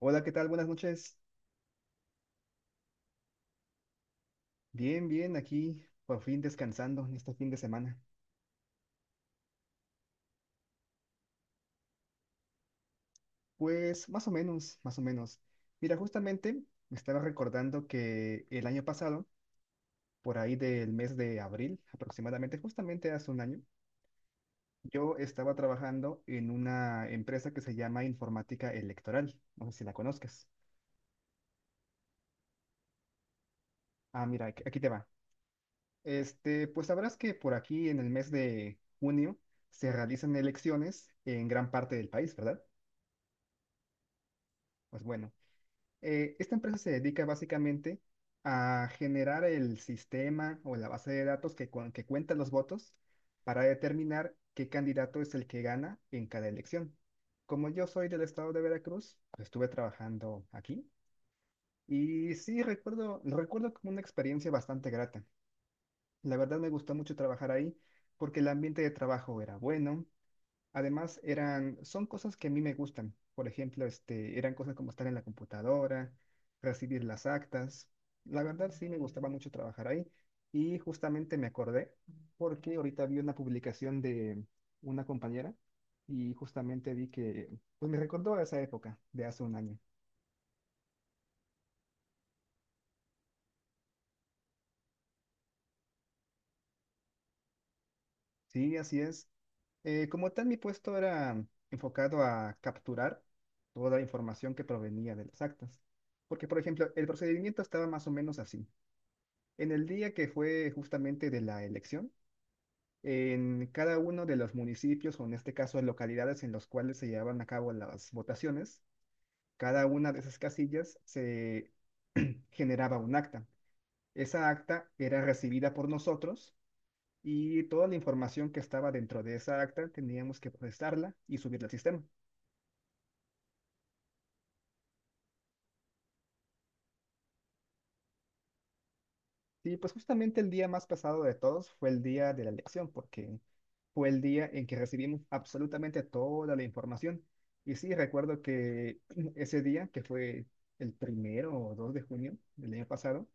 Hola, ¿qué tal? Buenas noches. Bien, bien, aquí por fin descansando en este fin de semana. Pues más o menos, más o menos. Mira, justamente me estaba recordando que el año pasado, por ahí del mes de abril, aproximadamente, justamente hace un año, yo estaba trabajando en una empresa que se llama Informática Electoral. No sé si la conozcas. Ah, mira, aquí te va. Pues sabrás que por aquí en el mes de junio se realizan elecciones en gran parte del país, ¿verdad? Pues bueno. Esta empresa se dedica básicamente a generar el sistema o la base de datos que cuenta los votos para determinar qué candidato es el que gana en cada elección. Como yo soy del estado de Veracruz, pues, estuve trabajando aquí y sí recuerdo, lo recuerdo como una experiencia bastante grata. La verdad me gustó mucho trabajar ahí porque el ambiente de trabajo era bueno. Además, eran, son cosas que a mí me gustan. Por ejemplo, eran cosas como estar en la computadora, recibir las actas. La verdad, sí me gustaba mucho trabajar ahí. Y justamente me acordé porque ahorita vi una publicación de una compañera y justamente vi que, pues me recordó a esa época de hace un año. Sí, así es. Como tal, mi puesto era enfocado a capturar toda la información que provenía de las actas. Porque, por ejemplo, el procedimiento estaba más o menos así. En el día que fue justamente de la elección, en cada uno de los municipios, o en este caso localidades en los cuales se llevaban a cabo las votaciones, cada una de esas casillas se generaba un acta. Esa acta era recibida por nosotros y toda la información que estaba dentro de esa acta teníamos que procesarla y subirla al sistema. Sí, pues justamente el día más pesado de todos fue el día de la elección, porque fue el día en que recibimos absolutamente toda la información. Y sí, recuerdo que ese día, que fue el primero o 2 de junio del año pasado,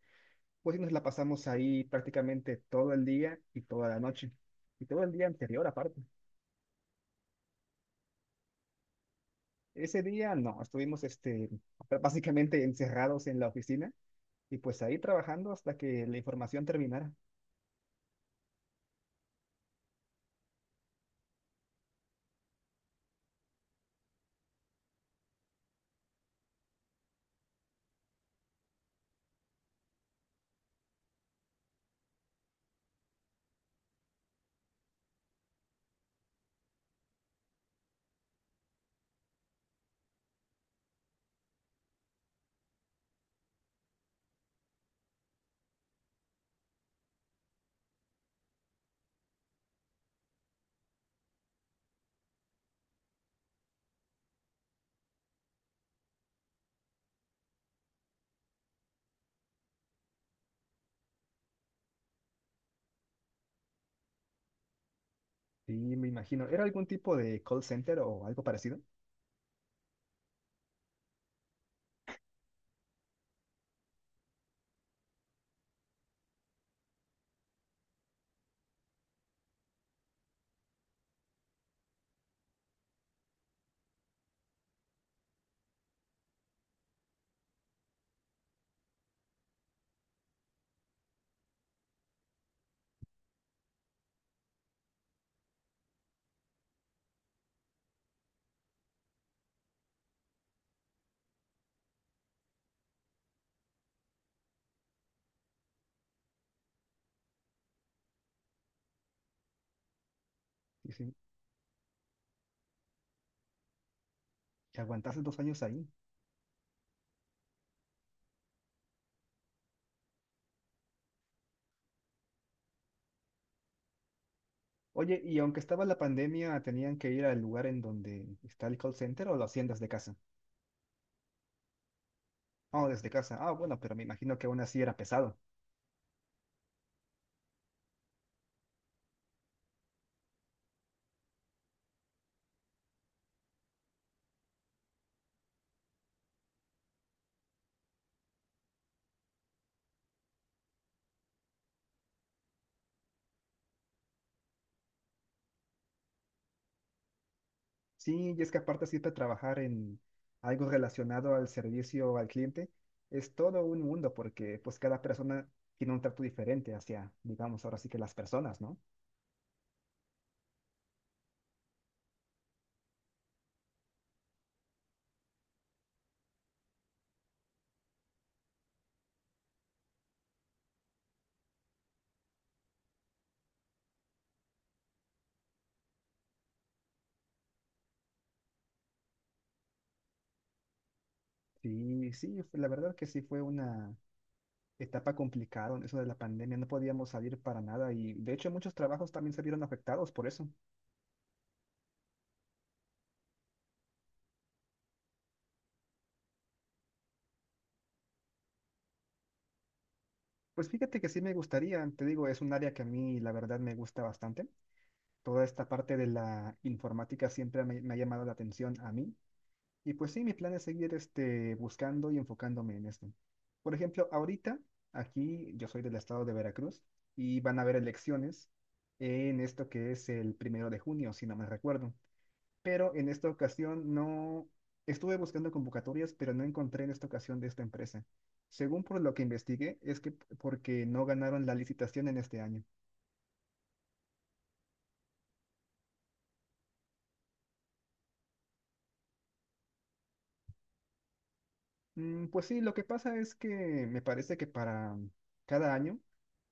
pues sí nos la pasamos ahí prácticamente todo el día y toda la noche. Y todo el día anterior aparte. Ese día no, estuvimos básicamente encerrados en la oficina y pues ahí trabajando hasta que la información terminara. Sí, me imagino. ¿Era algún tipo de call center o algo parecido? Sí, sí. Que aguantaste dos años ahí. Oye, y aunque estaba la pandemia, ¿tenían que ir al lugar en donde está el call center o lo hacían desde casa? Oh, desde casa. Ah, bueno, pero me imagino que aún así era pesado. Sí, y es que aparte siempre trabajar en algo relacionado al servicio al cliente es todo un mundo porque pues cada persona tiene un trato diferente hacia, digamos, ahora sí que las personas, ¿no? Sí, sí, la verdad que sí fue una etapa complicaron eso de la pandemia, no podíamos salir para nada y de hecho muchos trabajos también se vieron afectados por eso. Pues fíjate que sí me gustaría, te digo, es un área que a mí la verdad me gusta bastante. Toda esta parte de la informática siempre me ha llamado la atención a mí y pues sí, mi plan es seguir buscando y enfocándome en esto. Por ejemplo, ahorita aquí yo soy del estado de Veracruz y van a haber elecciones en esto que es el primero de junio, si no me recuerdo. Pero en esta ocasión no estuve buscando convocatorias, pero no encontré en esta ocasión de esta empresa. Según por lo que investigué, es que porque no ganaron la licitación en este año. Mm, pues sí, lo que pasa es que me parece que para cada año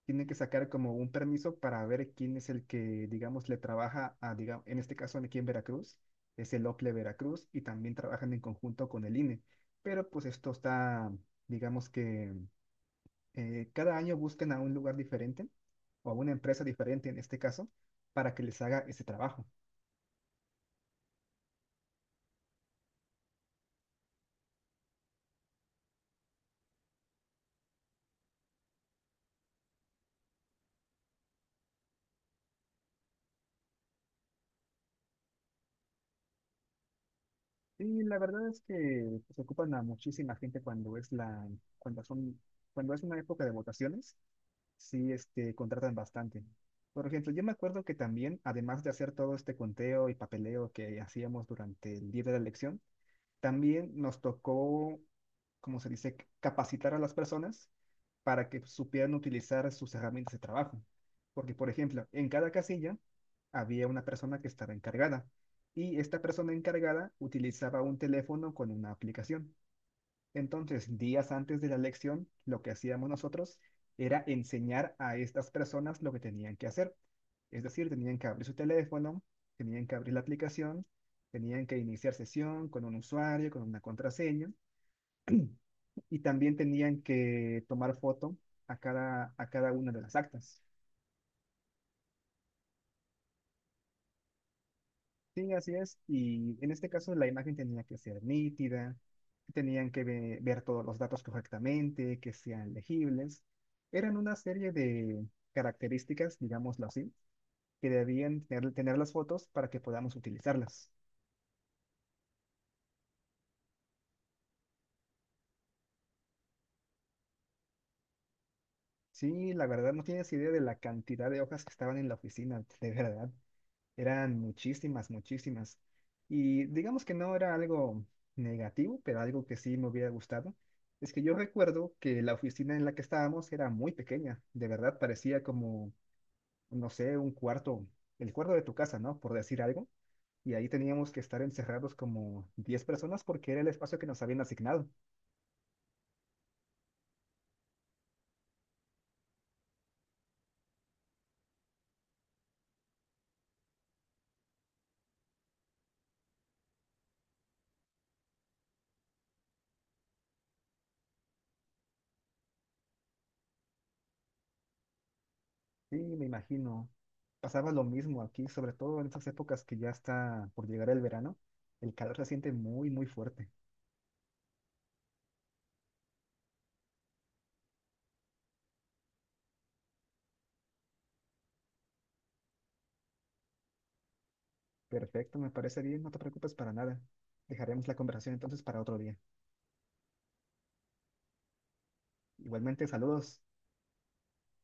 tienen que sacar como un permiso para ver quién es el que, digamos, le trabaja a, digamos en este caso aquí en Veracruz, es el OCLE Veracruz y también trabajan en conjunto con el INE. Pero pues esto está, digamos que cada año buscan a un lugar diferente o a una empresa diferente en este caso para que les haga ese trabajo. Y la verdad es que se ocupan a muchísima gente cuando es la, cuando son, cuando es una época de votaciones, sí, contratan bastante. Por ejemplo, yo me acuerdo que también, además de hacer todo este conteo y papeleo que hacíamos durante el día de la elección, también nos tocó, como se dice, capacitar a las personas para que supieran utilizar sus herramientas de trabajo. Porque, por ejemplo, en cada casilla había una persona que estaba encargada y esta persona encargada utilizaba un teléfono con una aplicación. Entonces, días antes de la lección, lo que hacíamos nosotros era enseñar a estas personas lo que tenían que hacer. Es decir, tenían que abrir su teléfono, tenían que abrir la aplicación, tenían que iniciar sesión con un usuario, con una contraseña, y también tenían que tomar foto a cada una de las actas. Sí, así es. Y en este caso la imagen tenía que ser nítida, ver todos los datos correctamente, que sean legibles. Eran una serie de características, digámoslo así, que debían tener las fotos para que podamos utilizarlas. Sí, la verdad no tienes idea de la cantidad de hojas que estaban en la oficina, de verdad. Eran muchísimas, muchísimas. Y digamos que no era algo negativo, pero algo que sí me hubiera gustado. Es que yo recuerdo que la oficina en la que estábamos era muy pequeña. De verdad, parecía como, no sé, un cuarto, el cuarto de tu casa, ¿no? Por decir algo. Y ahí teníamos que estar encerrados como 10 personas porque era el espacio que nos habían asignado. Sí, me imagino. Pasaba lo mismo aquí, sobre todo en estas épocas que ya está por llegar el verano. El calor se siente muy, muy fuerte. Perfecto, me parece bien, no te preocupes para nada. Dejaremos la conversación entonces para otro día. Igualmente, saludos.